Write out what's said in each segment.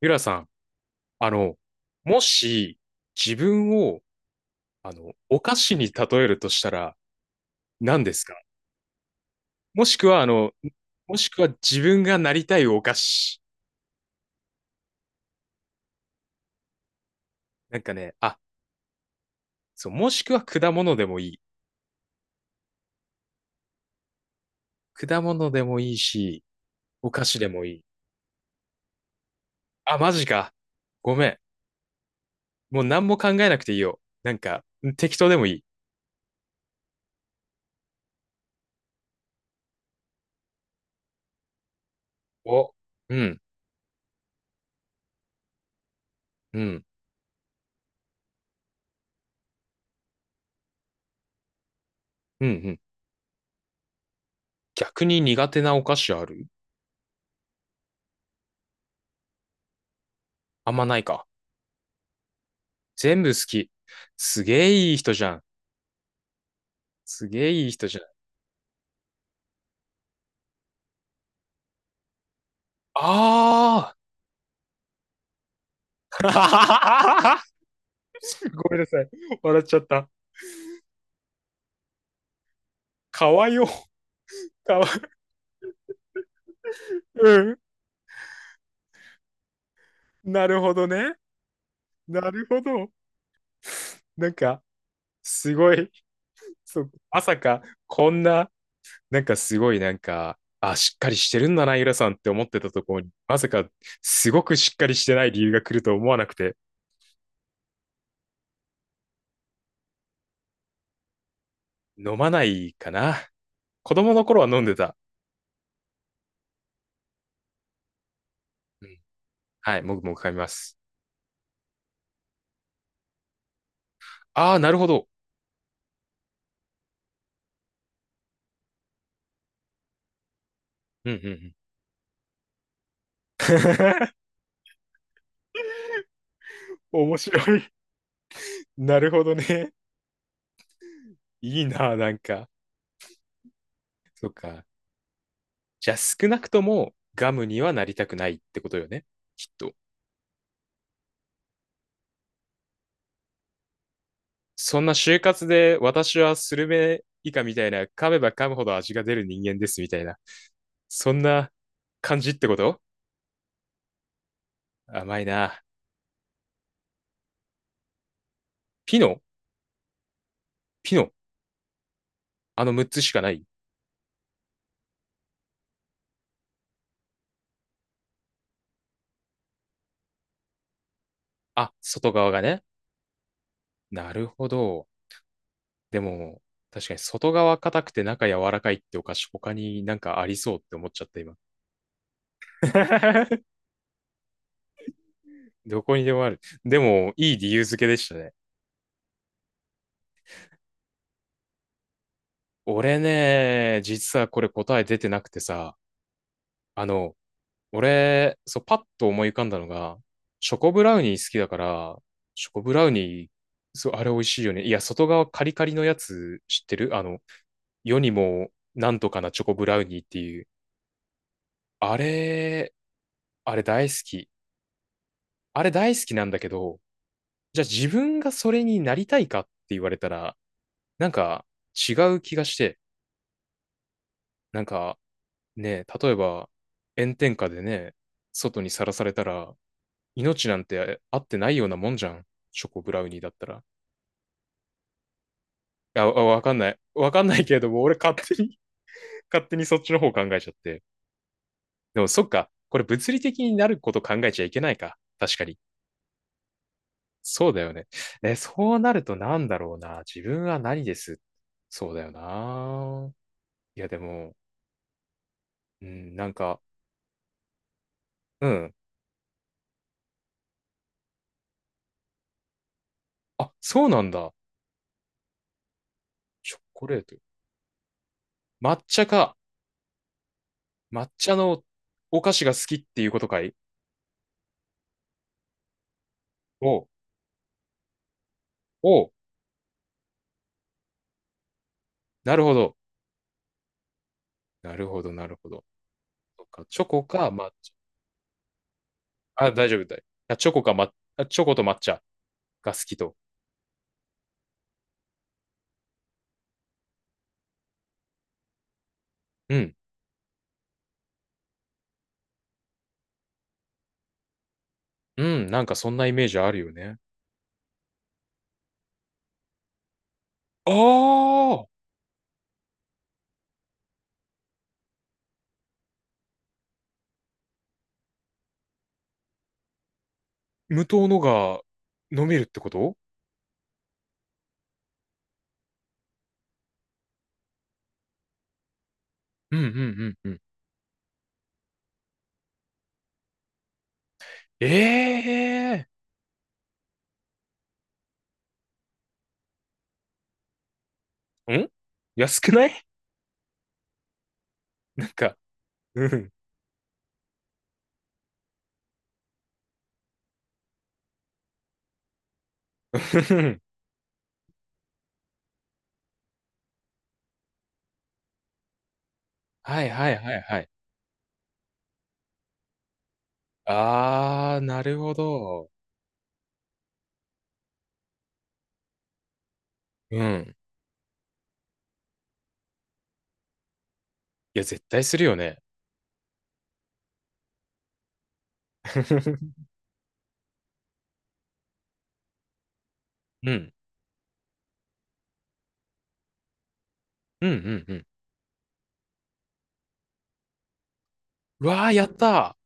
ゆらさん、あの、もし自分を、お菓子に例えるとしたら何ですか？もしくは、自分がなりたいお菓子。なんかね、あ、そう、もしくは果物でもいい。果物でもいいし、お菓子でもいい。あ、マジか。ごめん。もう何も考えなくていいよ。なんか、適当でもいい。お、うん、うん、うん、うん。逆に苦手なお菓子ある？あんまないか。全部好き。すげえいい人じゃん。すげえいい人じゃん。ああー。 ごめんなさい。笑っちゃった。かわよ。かわ、うん。なるほどね。なるほど。なんか、すごい。そう、まさか、こんな、なんかすごい、なんか、あ、しっかりしてるんだな、ゆらさんって思ってたところに、まさか、すごくしっかりしてない理由が来ると思わなくて、飲まないかな。子供の頃は飲んでた。うん、はい、もぐもぐ噛みます。ああ、なるほど。うんうんうん。面白い。なるほどね。いいな、なんか。そっか。じゃあ少なくともガムにはなりたくないってことよね。きっと。そんな就活で私はスルメ以下みたいな噛めば噛むほど味が出る人間ですみたいな。そんな感じってこと？甘いな。ピノ？ピノ？あの6つしかない？あ、外側がね。なるほど。でも、確かに外側硬くて中柔らかいってお菓子他になんかありそうって思っちゃった今。どこにでもある。でも、いい理由付けでしたね。俺ね、実はこれ答え出てなくてさ、あの、俺、そう、パッと思い浮かんだのが、チョコブラウニー好きだから、チョコブラウニー、そう、あれ美味しいよね。いや、外側カリカリのやつ知ってる？世にもなんとかなチョコブラウニーっていう。あれ、あれ大好き。あれ大好きなんだけど、じゃあ自分がそれになりたいかって言われたら、なんか違う気がして、なんかねえ、例えば炎天下でね、外にさらされたら、命なんてあってないようなもんじゃん。チョコブラウニーだったら。いや、あわかんない。わかんないけれども、俺勝手に 勝手にそっちの方考えちゃって。でもそっか、これ物理的になること考えちゃいけないか。確かに。そうだよね。え、そうなるとなんだろうな。自分は何です？そうだよな。いや、でも、うん、なんか、うん。あ、そうなんだ。チョコレート。抹茶か。抹茶のお菓子が好きっていうことかい？おおなるほど。なるほど、なるほど。そっかチョコか抹茶。あ、大丈夫だい。あチョコか抹、あチョコと抹茶が好きと。うん。うん、なんかそんなイメージあるよね。ああ、無糖のが飲めるってこと？うんうんうんうん。ええん、安くない？ なんか、うん。はいはいはいはい。ああ、なるほど。うん。いや、絶対するよね。うん。うん、うん、うん。うわー、やった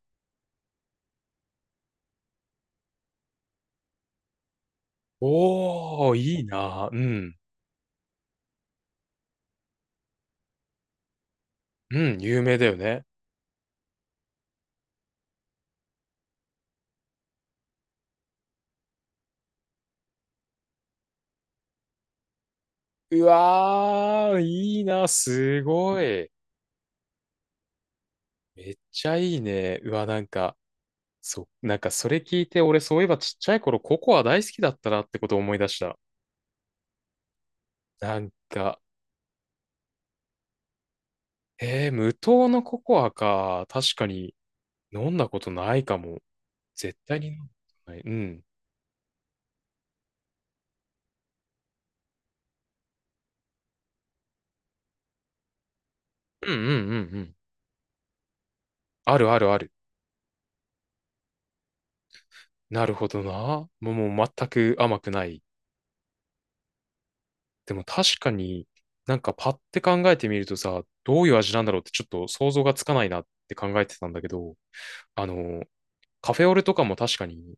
ー。おー、いいなー。うん。うん、有名だよね。うわー、いいなすごい。めっちゃいいね。うわ、なんか、なんかそれ聞いて、俺そういえばちっちゃい頃ココア大好きだったなってことを思い出した。なんか、無糖のココアか。確かに飲んだことないかも。絶対に飲んだことない。うん。うんうんうんうん。あるあるある。なるほどな。もう全く甘くない。でも確かになんかパッて考えてみるとさ、どういう味なんだろうってちょっと想像がつかないなって考えてたんだけど、あの、カフェオレとかも確かに、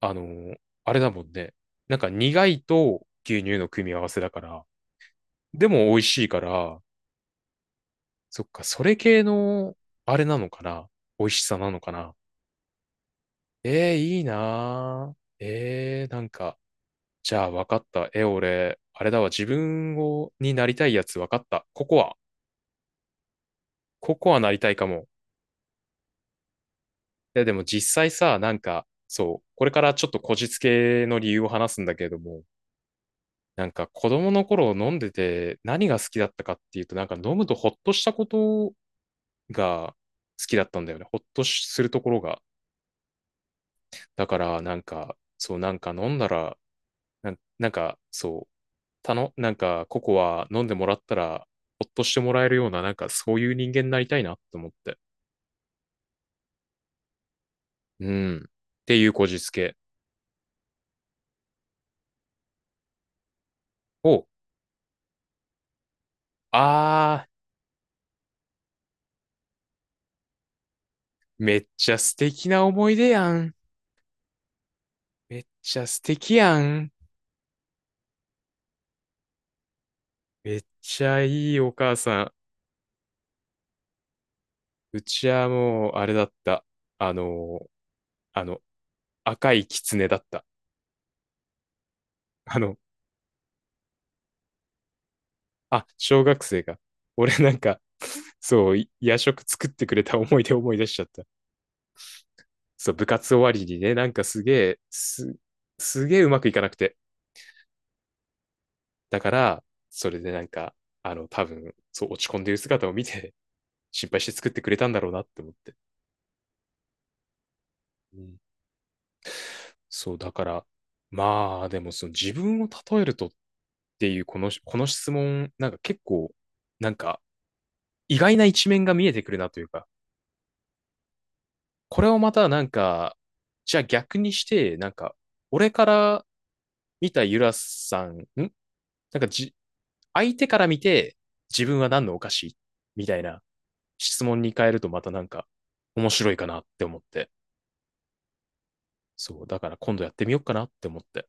あの、あれだもんね。なんか苦いと牛乳の組み合わせだから、でも美味しいから、そっか、それ系のあれなのかな？美味しさなのかな？ええー、いいなーええー、なんか、じゃあ分かった。え、俺、あれだわ。自分を、になりたいやつ分かった。ココア。ココアなりたいかも。や、でも実際さ、なんか、そう、これからちょっとこじつけの理由を話すんだけれども、なんか子供の頃飲んでて何が好きだったかっていうと、なんか飲むとほっとしたことが好きだったんだよね。ほっとしするところが。だから、なんか、そう、なんか飲んだら、なんなんか、そう、なんかココア飲んでもらったら、ほっとしてもらえるような、なんかそういう人間になりたいなと思って。うん。っていうこじつけを、あー、めっちゃ素敵な思い出やん。めっちゃ素敵やん。めっちゃいいお母さん。うちはもう、あれだった。あの、あの、赤い狐だった。あの、あ、小学生が。俺なんか、そう、い夜食作ってくれた思い出思い出しちゃった。そう、部活終わりにね、なんかすげえ、すげえうまくいかなくて。だから、それでなんか、多分、そう、落ち込んでる姿を見て、心配して作ってくれたんだろうなって思って。うんそう、だから、まあ、でもその自分を例えるとっていう、この質問、なんか結構、なんか意外な一面が見えてくるなというか、これをまたなんか、じゃあ逆にして、なんか、俺から見たゆらさん、んなんかじ、相手から見て、自分は何のお菓子みたいな質問に変えるとまたなんか面白いかなって思って。そう、だから今度やってみようかなって思って。